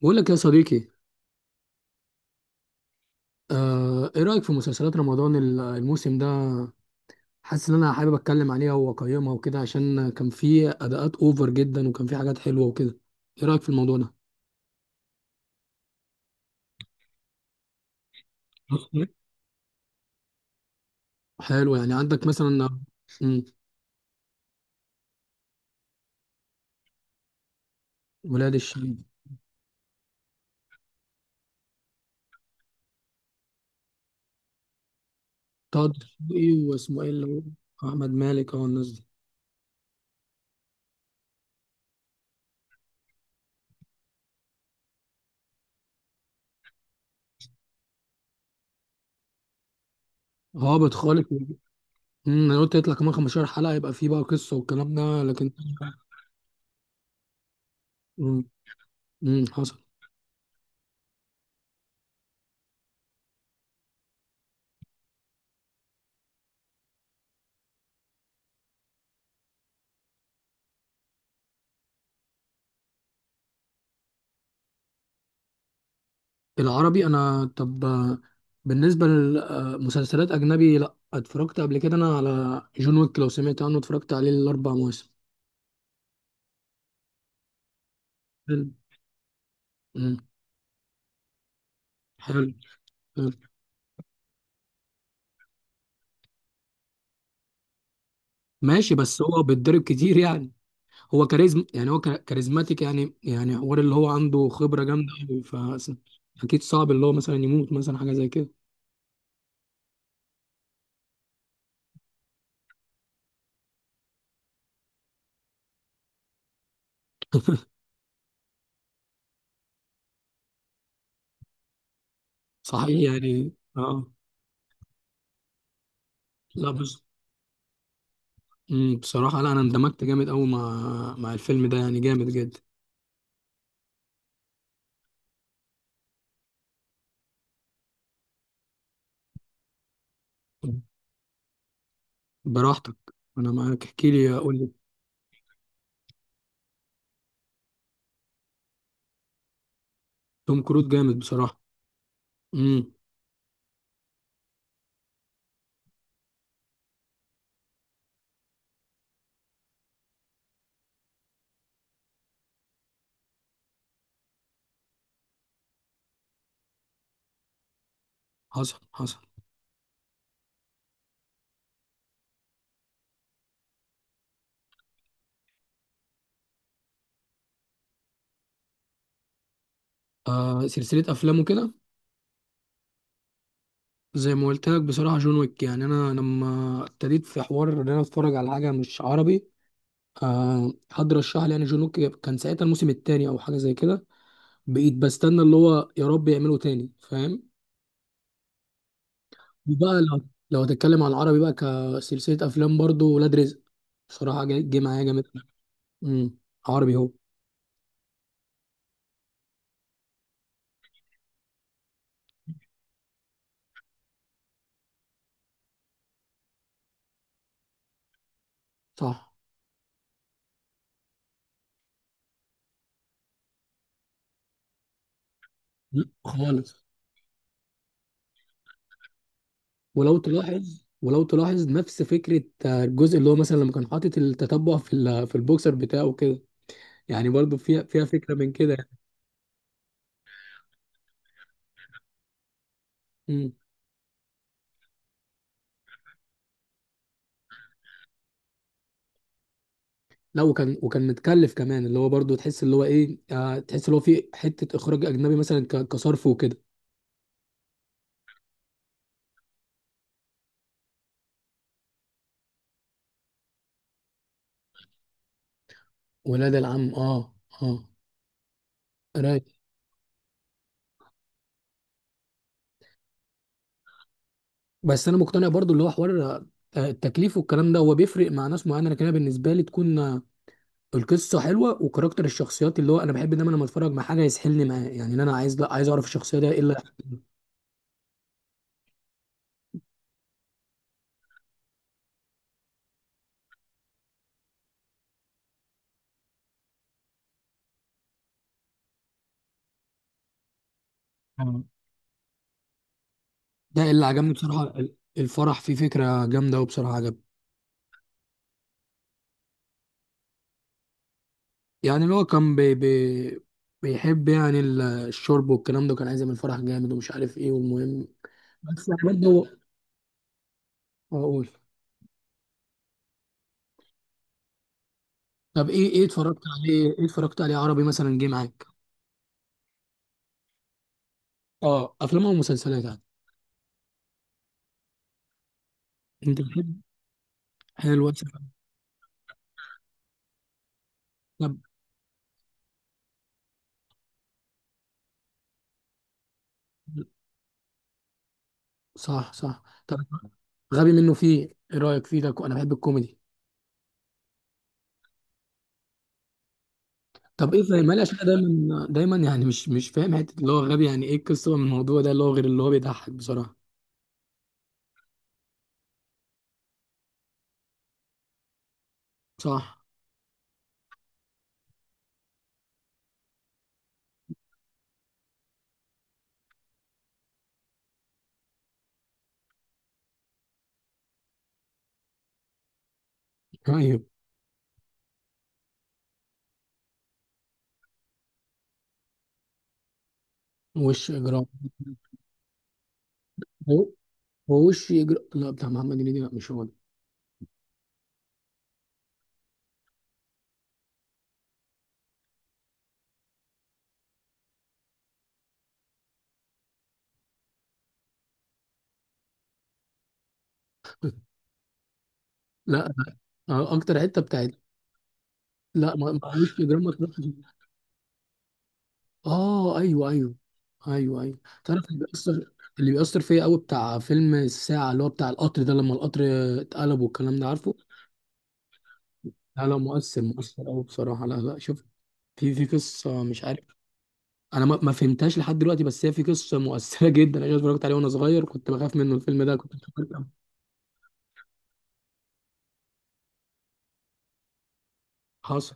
بقول لك يا صديقي. ايه رأيك في مسلسلات رمضان الموسم ده؟ حاسس ان انا حابب اتكلم عليها واقيمها وكده، عشان كان في اداءات اوفر جدا وكان في حاجات حلوة وكده. ايه رأيك في الموضوع ده؟ بص، حلو يعني، عندك مثلا. مم، ولاد الشمس، طه دسوقي واسمه ايه اللي هو، احمد مالك، اه الناس دي. هابط خالص. انا قلت يطلع كمان 15 حلقة يبقى في بقى قصة والكلام ده، لكن. مم، حصل. العربي انا، طب، بالنسبه لمسلسلات اجنبي، لا اتفرجت قبل كده انا على جون ويك، لو سمعت عنه، اتفرجت عليه الاربع مواسم. حلو. مم. حلو. حلو. ماشي، بس هو بيتضرب كتير يعني. هو كاريزما يعني، هو كاريزماتيك يعني، يعني حوار اللي هو عنده خبره جامده أوي، ف، اكيد صعب اللي هو مثلا يموت، مثلا حاجه زي كده. صحيح يعني. اه. لا بس. بصراحه لا، انا اندمجت جامد قوي مع الفيلم ده، يعني جامد جدا. براحتك. انا معاك، احكي لي، قول لي. توم كروز جامد بصراحة. امم. حصل حصل. آه، سلسلة أفلامه كده. زي ما قلت لك بصراحة جون ويك، يعني أنا لما ابتديت في حوار إن أنا أتفرج على حاجة مش عربي، آه، حد رشح لي يعني جون ويك، كان ساعتها الموسم التاني أو حاجة زي كده، بقيت بستنى اللي هو يا رب يعمله تاني، فاهم. بقى لو هتتكلم على العربي بقى كسلسلة أفلام برضو، ولاد رزق، بصراحة جه معايا جامد. امم. عربي هو. صح. لأ، خالص. ولو تلاحظ نفس فكرة، آه، الجزء اللي هو مثلا لما كان حاطط التتبع في في البوكسر بتاعه كده. يعني برضو فيها فكرة من كده يعني. مم. لا، وكان متكلف كمان، اللي هو برضو تحس اللي هو ايه، آه، تحس اللي هو في حتة اخراج اجنبي مثلا، كصرف وكده. ولاد العم. اه. اه. رايق. بس انا مقتنع برضو اللي هو حوار، آه، التكليف والكلام ده هو بيفرق مع ناس معينة، لكن انا بالنسبة لي تكون، آه، القصه حلوه وكاركتر الشخصيات، اللي هو انا بحب دايما لما اتفرج مع حاجه يسحلني معاه يعني، إن انا عايز، لا عايز اعرف الشخصيه ده ايه اللي. آه. ده اللي عجبني بصراحة، الفرح فيه فكرة جامدة، وبصراحة عجبني. يعني اللي هو كان بي بي بيحب يعني الشرب والكلام ده، كان عايز يعمل فرح جامد ومش عارف ايه، والمهم. بس يعني برضه اقول. طب ايه، ايه اتفرجت عليه عربي مثلا جه معاك؟ اه، افلام او مسلسلات يعني. انت بتحب. حلو. أسف. طب. صح صح. طب. غبي منه فيه، ايه رأيك فيه ده؟ انا بحب الكوميدي. طب ايه فاهم مالي، عشان انا دايما دايما يعني، مش فاهم حته اللي هو غبي، يعني ايه القصه من الموضوع ده، اللي هو غير اللي هو بيضحك بصراحه. صح. ايوه. وش اجرام. هو هو وش اجرام، لا بتاع محمد هنيدي، لا مش هو ده. لا، آه، اكتر حته بتاعت. لا وش اجرام ما تروحش. اه ايوه ايوه. ايوه ايوه. تعرف اللي بيأثر، اللي بيأثر فيا قوي بتاع فيلم الساعه اللي هو بتاع القطر ده، لما القطر اتقلب والكلام ده، عارفه. لا لا، مؤثر مؤثر قوي بصراحه، لا لا شوف. في قصه مش عارف، انا ما ما فهمتهاش لحد دلوقتي، بس هي في قصه مؤثره جدا، انا اتفرجت عليه وانا صغير، كنت بخاف منه الفيلم ده، كنت حصل.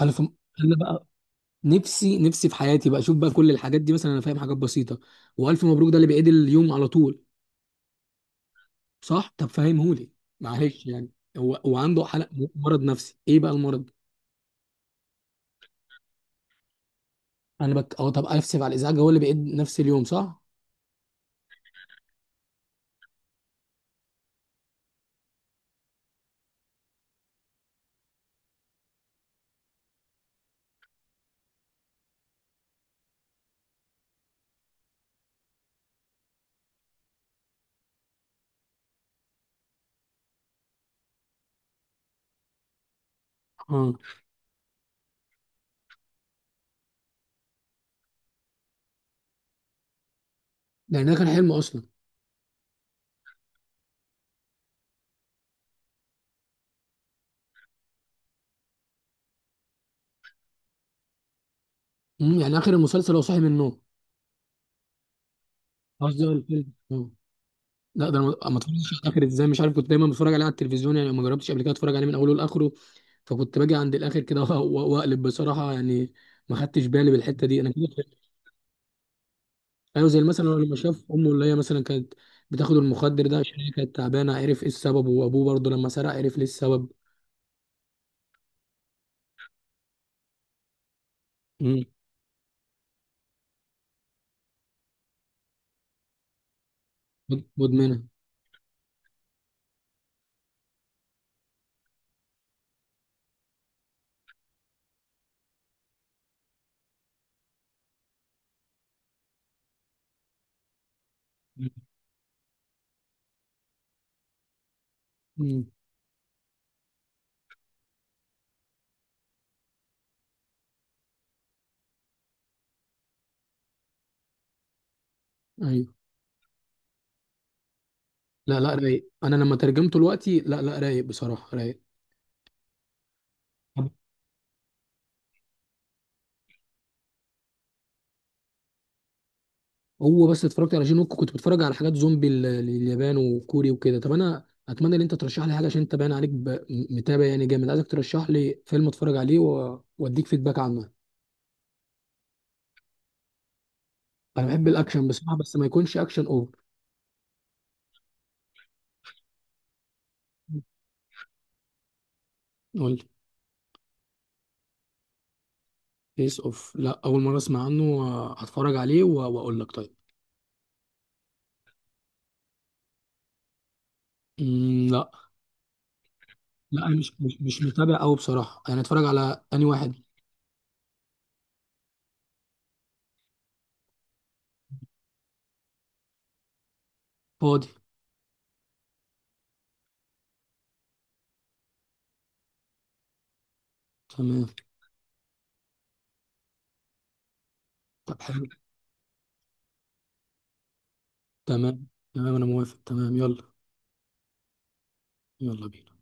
انا فم... انا بقى، نفسي نفسي في حياتي بقى اشوف بقى كل الحاجات دي، مثلا انا فاهم حاجات بسيطه، والف مبروك ده اللي بيعيد اليوم على طول. صح، طب فهمهولي، معلش يعني. هو وعنده حلق، مرض نفسي ايه بقى المرض؟ انا بك اه، طب اسف على الازعاج، هو اللي بيعيد نفس اليوم صح؟ اه. يعني ده كان حلم اصلا. يعني اخر المسلسل هو صاحي من النوم؟ قصدي هو الفيلم، اه. لا ده انا ما ما اتفرجتش على الاخر ازاي، مش عارف، كنت دايما بتفرج عليه على التلفزيون يعني، ما جربتش قبل كده اتفرج عليه من اوله لاخره، فكنت باجي عند الاخر كده واقلب بصراحه يعني، ما خدتش بالي بالحته دي انا كده. ايوه، زي مثلا لما شاف امه اللي هي مثلا كانت بتاخد المخدر ده، عشان هي كانت تعبانه، عرف ايه السبب، وابوه برضه لما سرق عرف ليه السبب. مم. مدمنه. مم. ايوه. لا لا رايق، انا لما ترجمته دلوقتي، لا لا رايق بصراحه، رايق. هو بس اتفرجت على جين ووك، كنت بتفرج على حاجات زومبي اليابان وكوري وكده. طب انا اتمنى ان انت ترشح لي حاجه، عشان انت باين عليك متابع يعني جامد، عايزك ترشح لي فيلم اتفرج عليه واديك فيدباك عنه. انا بحب الاكشن بصراحه، بس ما يكونش اكشن اوفر. قول لي. فيس اوف، لا اول مره اسمع عنه، هتفرج عليه واقول لك، طيب. لا. لا انا مش متابع قوي بصراحه يعني، اتفرج على اني واحد. فاضي. تمام. طب حلو. تمام. تمام انا موافق، تمام، يلا. يلا بينا.